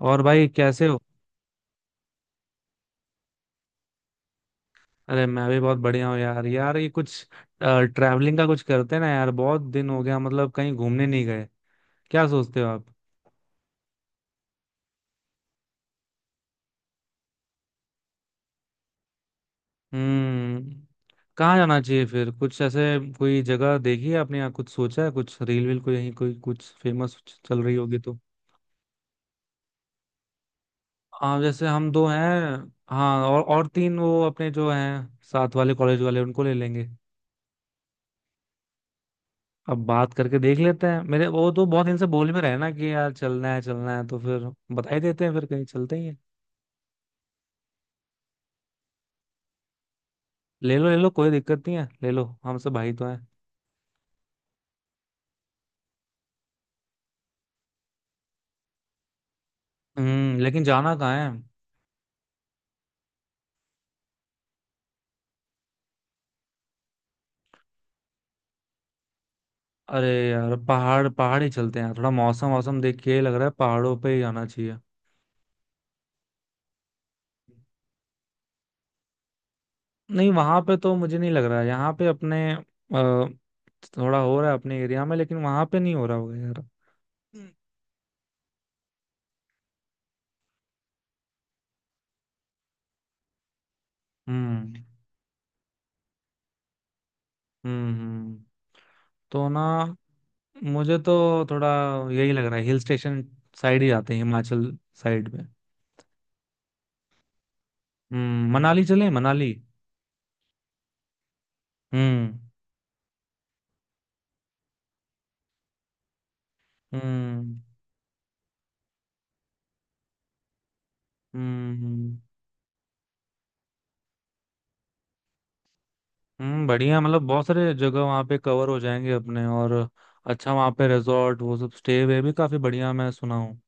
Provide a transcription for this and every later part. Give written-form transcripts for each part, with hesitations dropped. और भाई कैसे हो? अरे, मैं भी बहुत बढ़िया हूँ यार। यार, ये कुछ ट्रैवलिंग का कुछ करते हैं ना यार। बहुत दिन हो गया, मतलब कहीं घूमने नहीं गए। क्या सोचते हो आप? हम्म। कहाँ जाना चाहिए फिर कुछ ऐसे? कोई जगह देखी है आपने या कुछ सोचा है? कुछ रील वील को यहीं कोई कुछ फेमस चल रही होगी तो। हाँ, जैसे हम दो हैं। हाँ, और तीन वो अपने जो हैं साथ वाले कॉलेज वाले उनको ले लेंगे। अब बात करके देख लेते हैं। मेरे वो तो बहुत दिन से बोल में रहे ना कि यार चलना है चलना है, तो फिर बता ही देते हैं फिर कहीं चलते ही हैं। ले लो ले लो, कोई दिक्कत नहीं है, ले लो। हमसे भाई तो हैं। लेकिन जाना कहाँ है? अरे यार, पहाड़ पहाड़ ही चलते हैं। थोड़ा मौसम मौसम देख के लग रहा है पहाड़ों पे ही जाना चाहिए। नहीं, वहां पे तो मुझे नहीं लग रहा है। यहाँ पे अपने थोड़ा हो रहा है अपने एरिया में, लेकिन वहां पे नहीं हो रहा होगा यार। हम्म हम्म हम्म। तो ना, मुझे तो थोड़ा यही लग रहा है, हिल स्टेशन साइड ही जाते हैं, हिमाचल साइड में। मनाली चले मनाली। हम्म हम्म हम्म हम्म। बढ़िया, मतलब बहुत सारे जगह वहाँ पे कवर हो जाएंगे अपने। और अच्छा, वहाँ पे रिजॉर्ट वो सब स्टे वे भी काफी बढ़िया मैं सुना हूँ।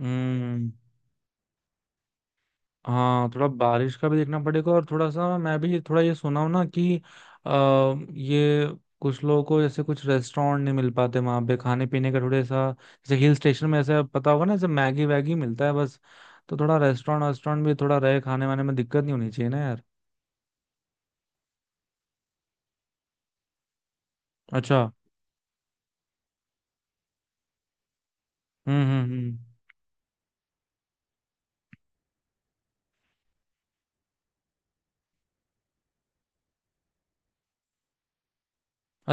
हम्म। हाँ, थोड़ा बारिश का भी देखना पड़ेगा और थोड़ा सा मैं भी थोड़ा ये सुना हूं ना कि आ, ये कुछ लोगों को जैसे कुछ रेस्टोरेंट नहीं मिल पाते वहां पे खाने पीने का, थोड़े सा जैसे हिल स्टेशन में ऐसा पता होगा ना जैसे मैगी वैगी मिलता है बस। तो थोड़ा रेस्टोरेंट वेस्टोरेंट भी थोड़ा रहे, खाने वाने में दिक्कत नहीं होनी चाहिए ना यार। अच्छा। हम्म।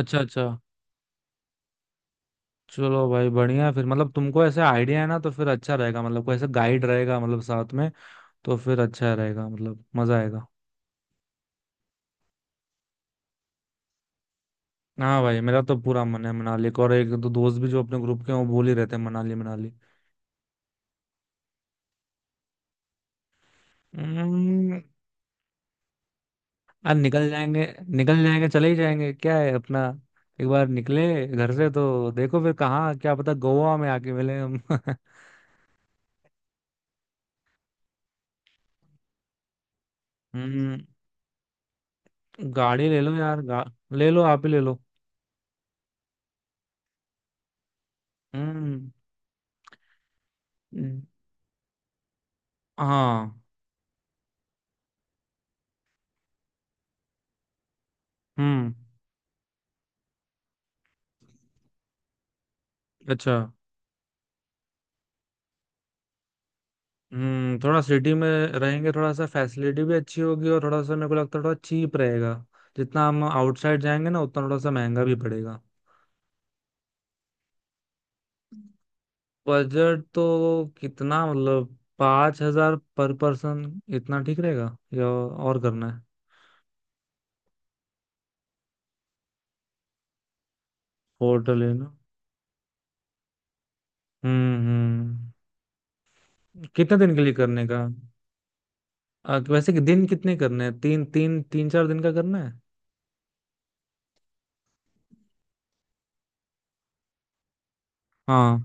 अच्छा अच्छा। चलो भाई, बढ़िया है फिर। मतलब तुमको ऐसे आइडिया है ना तो फिर अच्छा रहेगा, मतलब कोई ऐसा गाइड रहेगा मतलब साथ में तो फिर अच्छा रहेगा, मतलब मजा आएगा। हाँ भाई, मेरा तो पूरा मन है मनाली का। और एक दो दोस्त भी जो अपने ग्रुप के हैं वो बोल ही रहते हैं, मनाली मनाली। हम्म, आज निकल जाएंगे। निकल जाएंगे चले ही जाएंगे, क्या है अपना। एक बार निकले घर से तो देखो फिर कहाँ, क्या पता गोवा में आके मिले हम। हम्म गाड़ी ले लो यार। ले लो आप ही ले लो। हम्म हम्म। हाँ। हम्म। अच्छा। थोड़ा सिटी में रहेंगे, थोड़ा सा फैसिलिटी भी अच्छी होगी, और थोड़ा सा मेरे को लगता है थोड़ा चीप रहेगा। जितना हम आउटसाइड जाएंगे ना उतना थोड़ा सा महंगा भी पड़ेगा। बजट तो कितना, मतलब 5 हजार पर पर्सन इतना ठीक रहेगा या और करना है? होटल है ना। हम्म। कितने दिन के लिए करने का? वैसे कि दिन कितने करने हैं, तीन तीन तीन चार दिन का करना है। हाँ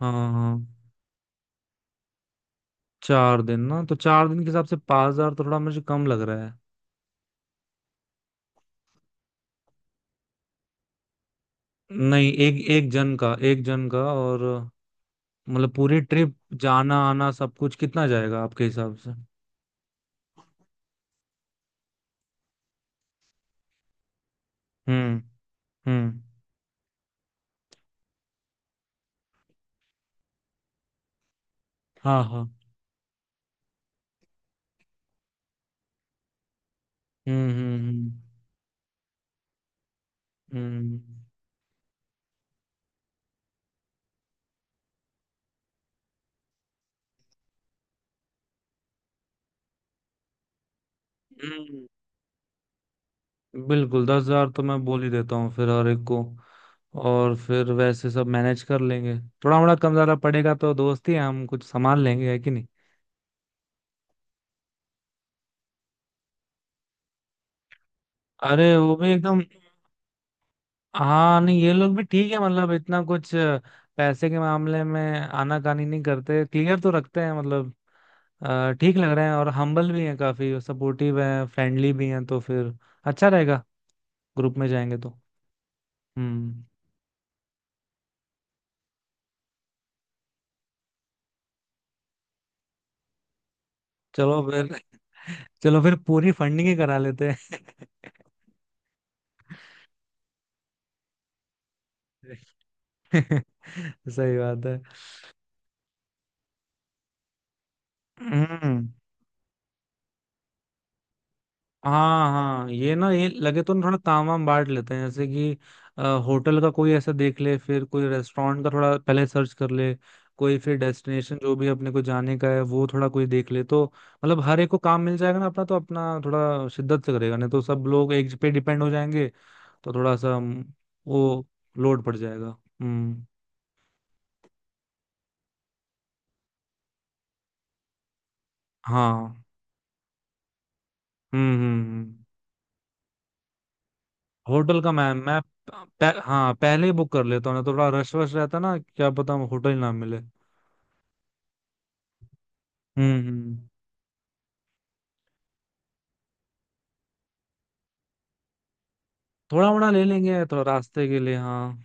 हाँ हाँ। चार दिन ना, तो चार दिन के हिसाब से 5 हजार तो थोड़ा मुझे कम लग रहा। नहीं, एक एक जन का एक जन का, और मतलब पूरी ट्रिप जाना आना सब कुछ कितना जाएगा आपके हिसाब से? हम्म हम्म। हाँ हाँ। हम्म हम्म हम्म हम्म। हम्म। बिल्कुल। 10 हजार तो मैं बोल ही देता हूँ फिर हर एक को, और फिर वैसे सब मैनेज कर लेंगे। थोड़ा मोड़ा कम ज्यादा पड़ेगा तो दोस्त ही हैं, हम कुछ संभाल लेंगे, है कि नहीं? अरे वो भी एकदम। हाँ नहीं, ये लोग भी ठीक है, मतलब इतना कुछ पैसे के मामले में आनाकानी नहीं करते, क्लियर तो रखते हैं, मतलब ठीक लग रहे हैं। और हम्बल भी हैं, काफी सपोर्टिव हैं, फ्रेंडली भी हैं, तो फिर अच्छा रहेगा ग्रुप में जाएंगे तो। हम्म चलो फिर। चलो फिर पूरी फंडिंग ही करा लेते हैं। सही बात है। हम्म। हाँ हाँ, ये ना, ये लगे तो ना थोड़ा ताम वाम बांट लेते हैं, जैसे कि होटल का कोई ऐसा देख ले, फिर कोई रेस्टोरेंट का थोड़ा पहले सर्च कर ले, कोई फिर डेस्टिनेशन जो भी अपने को जाने का है वो थोड़ा कोई देख ले तो। मतलब हर एक को काम मिल जाएगा ना अपना, तो अपना थोड़ा शिद्दत से करेगा, नहीं तो सब लोग एक पे डिपेंड हो जाएंगे। तो थोड़ा सा वो लोड पड़ जाएगा। हम्म। हाँ। हम्म हम्म हम्म। होटल का हाँ, पहले ही बुक कर लेता हूँ ना तो थोड़ा रश वश रहता ना, क्या पता होटल ना मिले। हम्म हम्म। थोड़ा मोड़ा ले लेंगे तो रास्ते के लिए, हाँ।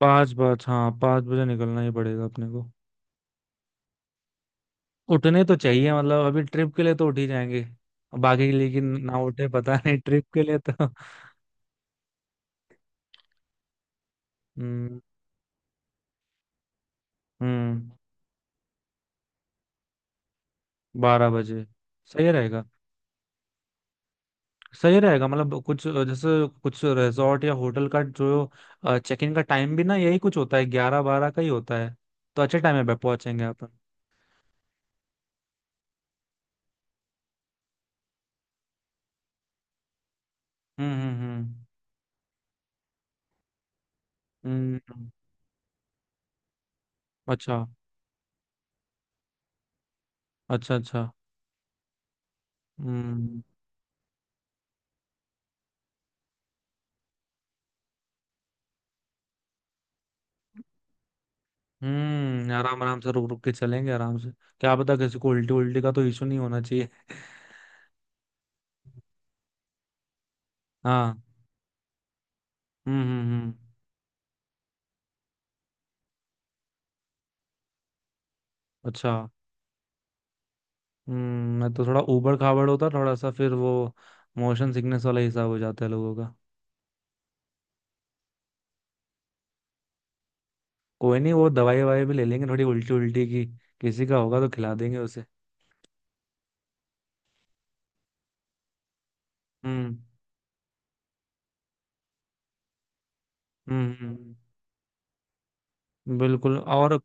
पाँच बज हाँ, 5 बजे निकलना ही पड़ेगा अपने को। उठने तो चाहिए मतलब, अभी ट्रिप के लिए तो उठ ही जाएंगे। बाकी के लिए कि ना उठे पता नहीं, ट्रिप के लिए तो। हम्म हम्म। 12 बजे सही रहेगा। सही रहेगा, मतलब कुछ जैसे कुछ रिजॉर्ट या होटल का जो चेक इन का टाइम भी ना यही कुछ होता है, ग्यारह बारह का ही होता है, तो अच्छे टाइम पे पहुंचेंगे अपन। हम्म हम्म हम्म। अच्छा अच्छा अच्छा। हम्म हम्म। आराम आराम से रुक रुक के चलेंगे आराम से। क्या पता किसी को उल्टी उल्टी का तो इशू नहीं होना चाहिए। हाँ। हम्म। अच्छा। मैं तो थोड़ा ऊबड़ खाबड़ होता थोड़ा सा फिर वो मोशन सिकनेस वाला हिसाब हो जाता है लोगों का। कोई नहीं, वो दवाई ववाई भी ले लेंगे थोड़ी उल्टी उल्टी की, किसी का होगा तो खिला देंगे उसे। हम्म हम्म। बिल्कुल और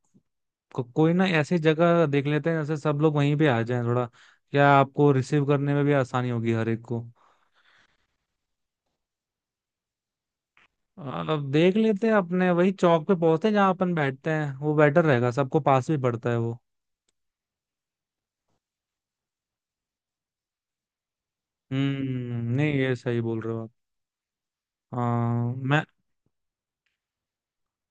कोई ना ऐसी जगह देख लेते हैं जैसे सब लोग वहीं पे आ जाएं थोड़ा, क्या आपको रिसीव करने में भी आसानी होगी हर एक को। अब देख लेते हैं, अपने वही चौक पे पहुंचते हैं जहाँ अपन बैठते हैं, वो बेटर रहेगा, सबको पास भी पड़ता है वो। नहीं, ये सही बोल रहे हो आप। हाँ। मैं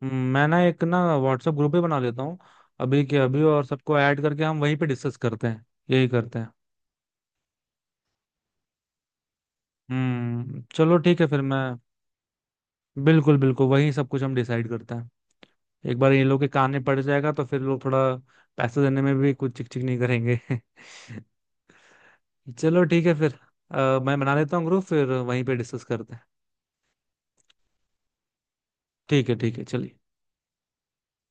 मैं ना एक ना व्हाट्सएप ग्रुप ही बना लेता हूँ अभी के अभी, और सबको ऐड करके हम वहीं पे डिस्कस करते हैं। यही करते हैं। चलो ठीक है फिर मैं। बिल्कुल बिल्कुल, वही सब कुछ हम डिसाइड करते हैं। एक बार ये लोग के कान में पड़ जाएगा तो फिर लोग थोड़ा पैसे देने में भी कुछ चिक चिक नहीं करेंगे। चलो ठीक है फिर। मैं बना लेता हूँ ग्रुप फिर वहीं पे डिस्कस करते हैं। ठीक है चलिए।